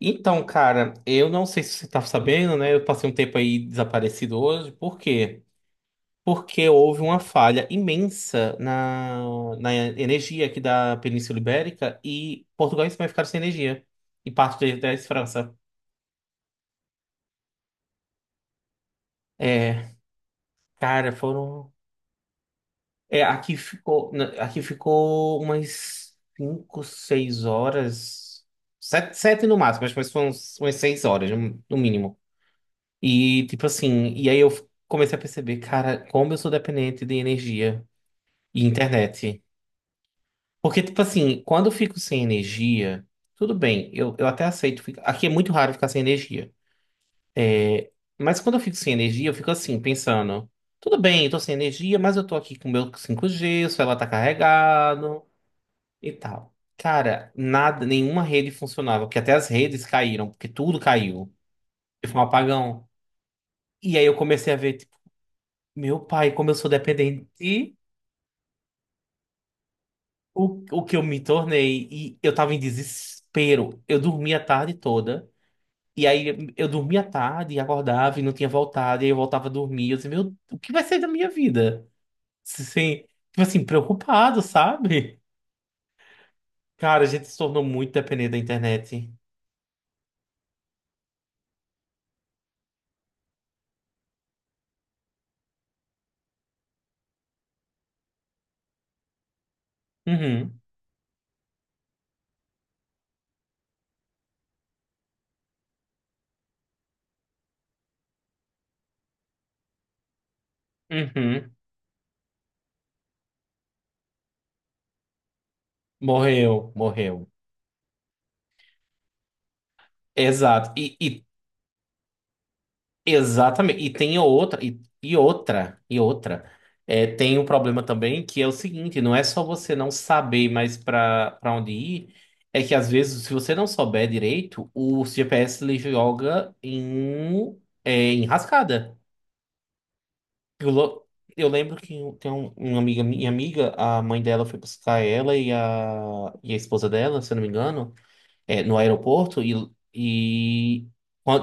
Então, cara, eu não sei se você tá sabendo, né? Eu passei um tempo aí desaparecido hoje. Por quê? Porque houve uma falha imensa na energia aqui da Península Ibérica e Portugal e Espanha ficaram sem energia. E parte da França. É, cara, foram. É, aqui ficou, aqui ficou umas 5, 6 horas. Sete no máximo, mas foram umas 6 horas, no mínimo. E tipo assim, e aí eu comecei a perceber, cara, como eu sou dependente de energia e internet. Porque, tipo assim, quando eu fico sem energia, tudo bem, eu até aceito ficar. Aqui é muito raro ficar sem energia. Mas quando eu fico sem energia, eu fico assim, pensando, tudo bem, eu tô sem energia, mas eu tô aqui com o meu 5G, o celular tá carregado e tal. Cara, nada, nenhuma rede funcionava, porque até as redes caíram, porque tudo caiu. Foi um apagão. E aí eu comecei a ver, tipo, meu pai, como eu sou dependente. O que eu me tornei, e eu tava em desespero. Eu dormia a tarde toda, e aí eu dormia à tarde, e acordava e não tinha voltado, e aí eu voltava a dormir. Eu disse, meu, o que vai ser da minha vida? Sim, tipo assim, preocupado, sabe? Cara, a gente se tornou muito dependente da internet. Uhum, uhum. Morreu, morreu. Exato. E exatamente. E tem outra, e outra, e outra. É, tem um problema também que é o seguinte, não é só você não saber mais para onde ir, é que às vezes, se você não souber direito, o GPS ele joga em, em rascada. Eu, lo- eu lembro que uma amiga, minha amiga, a mãe dela foi buscar ela e a esposa dela, se eu não me engano, no aeroporto, e,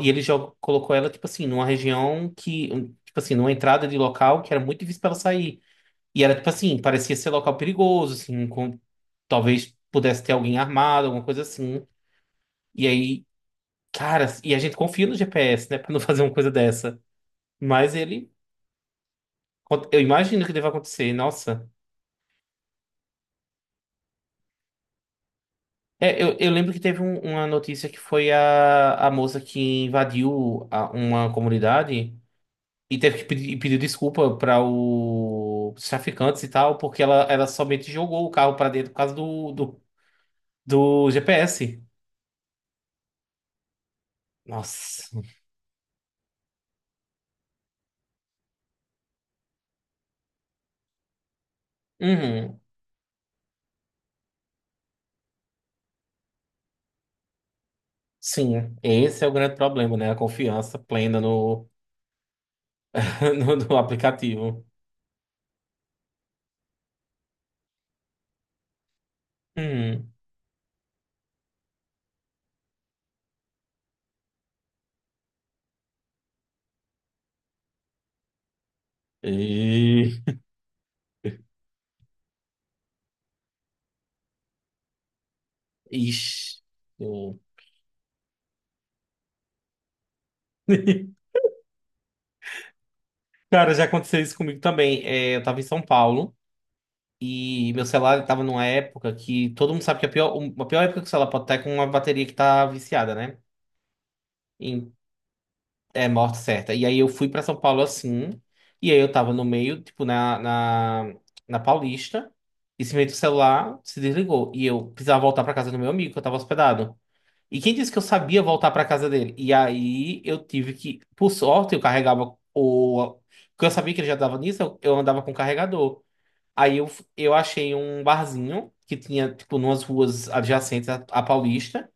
e ele jogou, colocou ela, tipo assim, numa região que, tipo assim, numa entrada de local que era muito difícil pra ela sair. E era, tipo assim, parecia ser local perigoso, assim, com, talvez pudesse ter alguém armado, alguma coisa assim. E aí, cara, e a gente confia no GPS, né, pra não fazer uma coisa dessa. Mas ele, eu imagino que deva acontecer, nossa. É, eu lembro que teve uma notícia que foi a, moça que invadiu uma comunidade. E teve que pedir, e desculpa para os traficantes e tal, porque ela somente jogou o carro para dentro por causa do GPS. Nossa. Uhum. Sim, esse é o grande problema, né? A confiança plena no, no aplicativo. Uhum. E... Ixi. Eu- Cara, já aconteceu isso comigo também. É, eu tava em São Paulo e meu celular ele tava numa época que todo mundo sabe que a pior época que o celular pode estar é com uma bateria que tá viciada, né? É, morte certa. E aí eu fui pra São Paulo assim, e aí eu tava no meio, tipo, na Paulista, e simplesmente o celular se desligou. E eu precisava voltar pra casa do meu amigo, que eu tava hospedado. E quem disse que eu sabia voltar pra casa dele? E aí eu tive que, por sorte, eu carregava o. Porque eu sabia que ele já dava nisso, eu andava com o carregador. Aí eu achei um barzinho que tinha, tipo, numas ruas adjacentes à Paulista.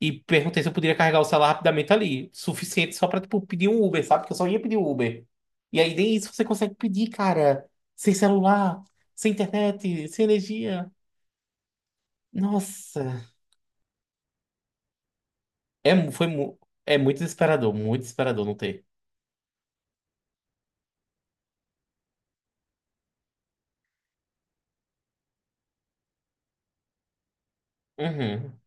E perguntei se eu poderia carregar o celular rapidamente ali. Suficiente só pra, tipo, pedir um Uber, sabe? Porque eu só ia pedir um Uber. E aí nem isso você consegue pedir, cara. Sem celular, sem internet, sem energia. Nossa. É, mu- foi, mu- é muito desesperador não ter. Uhum.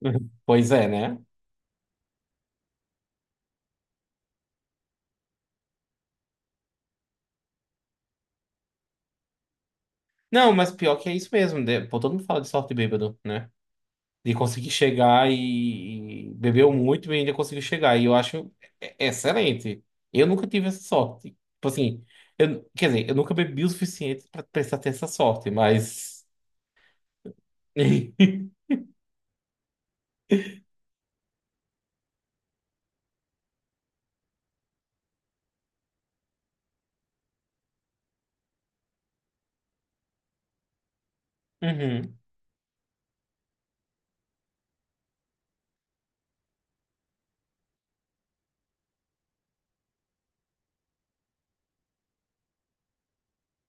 Pois é, né? Não, mas pior que é isso mesmo, né? Pô, todo mundo fala de sorte de bêbado, né? De conseguir chegar e, bebeu muito e ainda conseguiu chegar. E eu acho excelente. Eu nunca tive essa sorte. Tipo assim, eu, quer dizer, eu nunca bebi o suficiente para precisar ter essa sorte, mas. Uhum.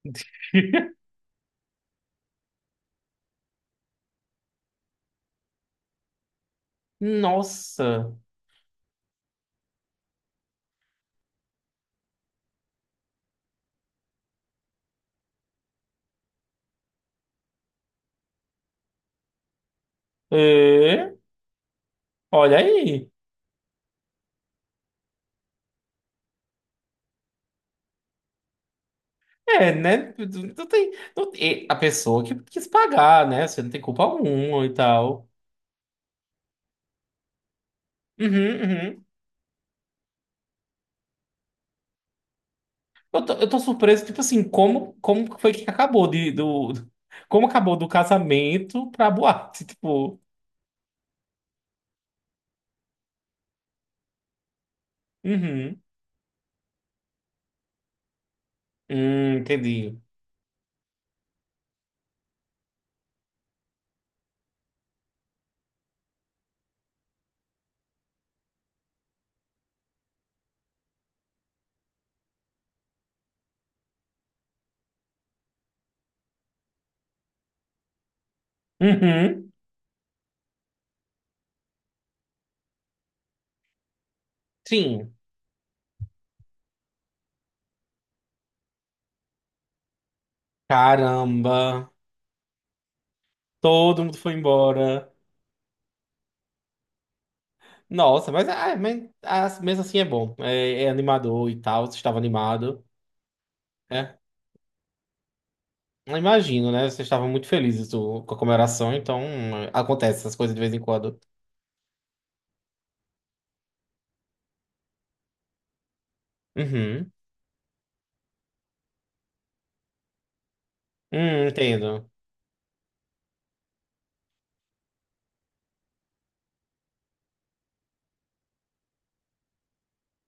Nossa. É? Olha aí. É, né? Não tem, não tem- A pessoa que quis pagar, né? Você não tem culpa alguma e tal. Uhum, uhum. Eu tô surpreso, tipo assim, como que foi que acabou como acabou do casamento pra boate, tipo, uhum, entendi, uhum, sim, caramba, todo mundo foi embora, nossa, mas ah, mesmo assim é bom, é animador e tal, você estava animado, né, eu imagino, né, vocês estavam muito felizes com a comemoração, então acontece essas coisas de vez em quando, uhum, entendo,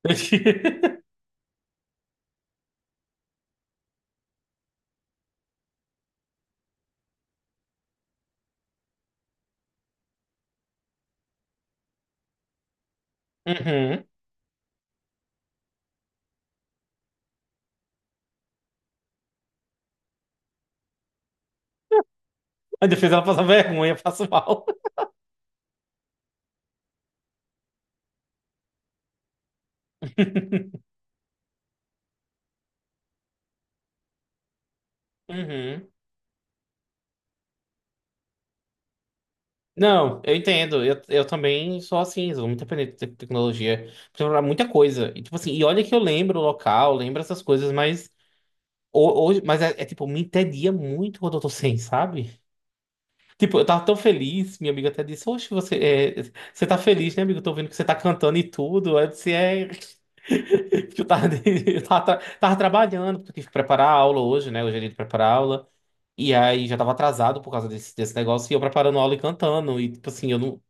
uhum. Ainda fez ela passar vergonha, eu passo mal. Uhum. Não, eu entendo. Eu também sou assim, sou muito dependente de tecnologia para muita coisa. E, tipo assim, e olha que eu lembro o local, lembro essas coisas, mas hoje, mas é, tipo, me entedia muito quando eu tô sem, sabe? Tipo, eu tava tão feliz, minha amiga até disse, Oxe, você tá feliz, né, amigo? Tô vendo que você tá cantando e tudo. Aí eu disse, é. Que eu tava, eu tava trabalhando, porque eu tive que preparar a aula hoje, né? Hoje é dia de preparar a aula. E aí já tava atrasado por causa desse negócio e eu preparando aula e cantando. E tipo assim, eu não.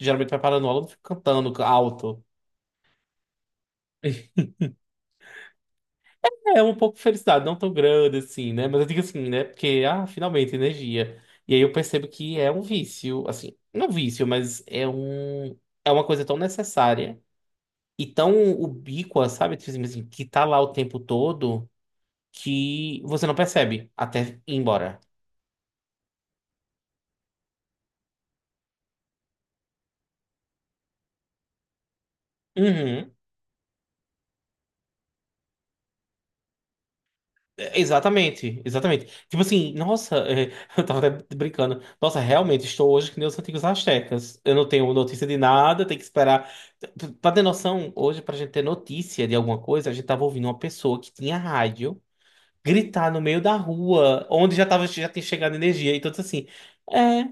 Geralmente preparando aula eu não fico cantando alto. É um pouco de felicidade, não tão grande assim, né? Mas eu digo assim, né? Porque, ah, finalmente, energia. E aí eu percebo que é um vício, assim, não é um vício, mas é um. É uma coisa tão necessária e tão ubíqua, sabe? Tipo assim, que tá lá o tempo todo que você não percebe até ir embora. Uhum. É, exatamente, exatamente. Tipo assim, nossa, eu tava até brincando. Nossa, realmente estou hoje que nem os antigos astecas. Eu não tenho notícia de nada, tenho que esperar. Pra ter noção, hoje, pra gente ter notícia de alguma coisa, a gente tava ouvindo uma pessoa que tinha rádio gritar no meio da rua, onde já tava, já tinha chegado energia. Então, eu disse assim, é,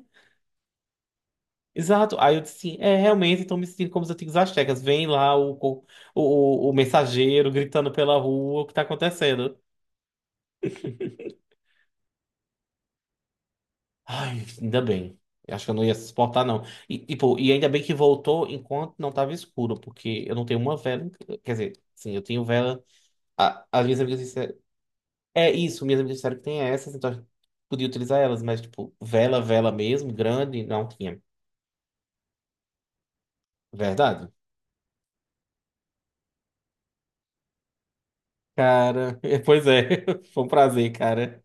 exato. Aí eu disse assim, é, realmente, estou me sentindo como os antigos astecas. Vem lá o mensageiro gritando pela rua, o que tá acontecendo? Ai, ainda bem. Eu acho que eu não ia suportar, não. E, tipo, e ainda bem que voltou enquanto não tava escuro, porque eu não tenho uma vela. Quer dizer, sim, eu tenho vela. As minhas amigas disseram. É isso, minhas amigas disseram que tem essas, então a podia utilizar elas, mas, tipo, vela, vela mesmo, grande, não tinha. Verdade? Cara, pois é. Foi um prazer, cara.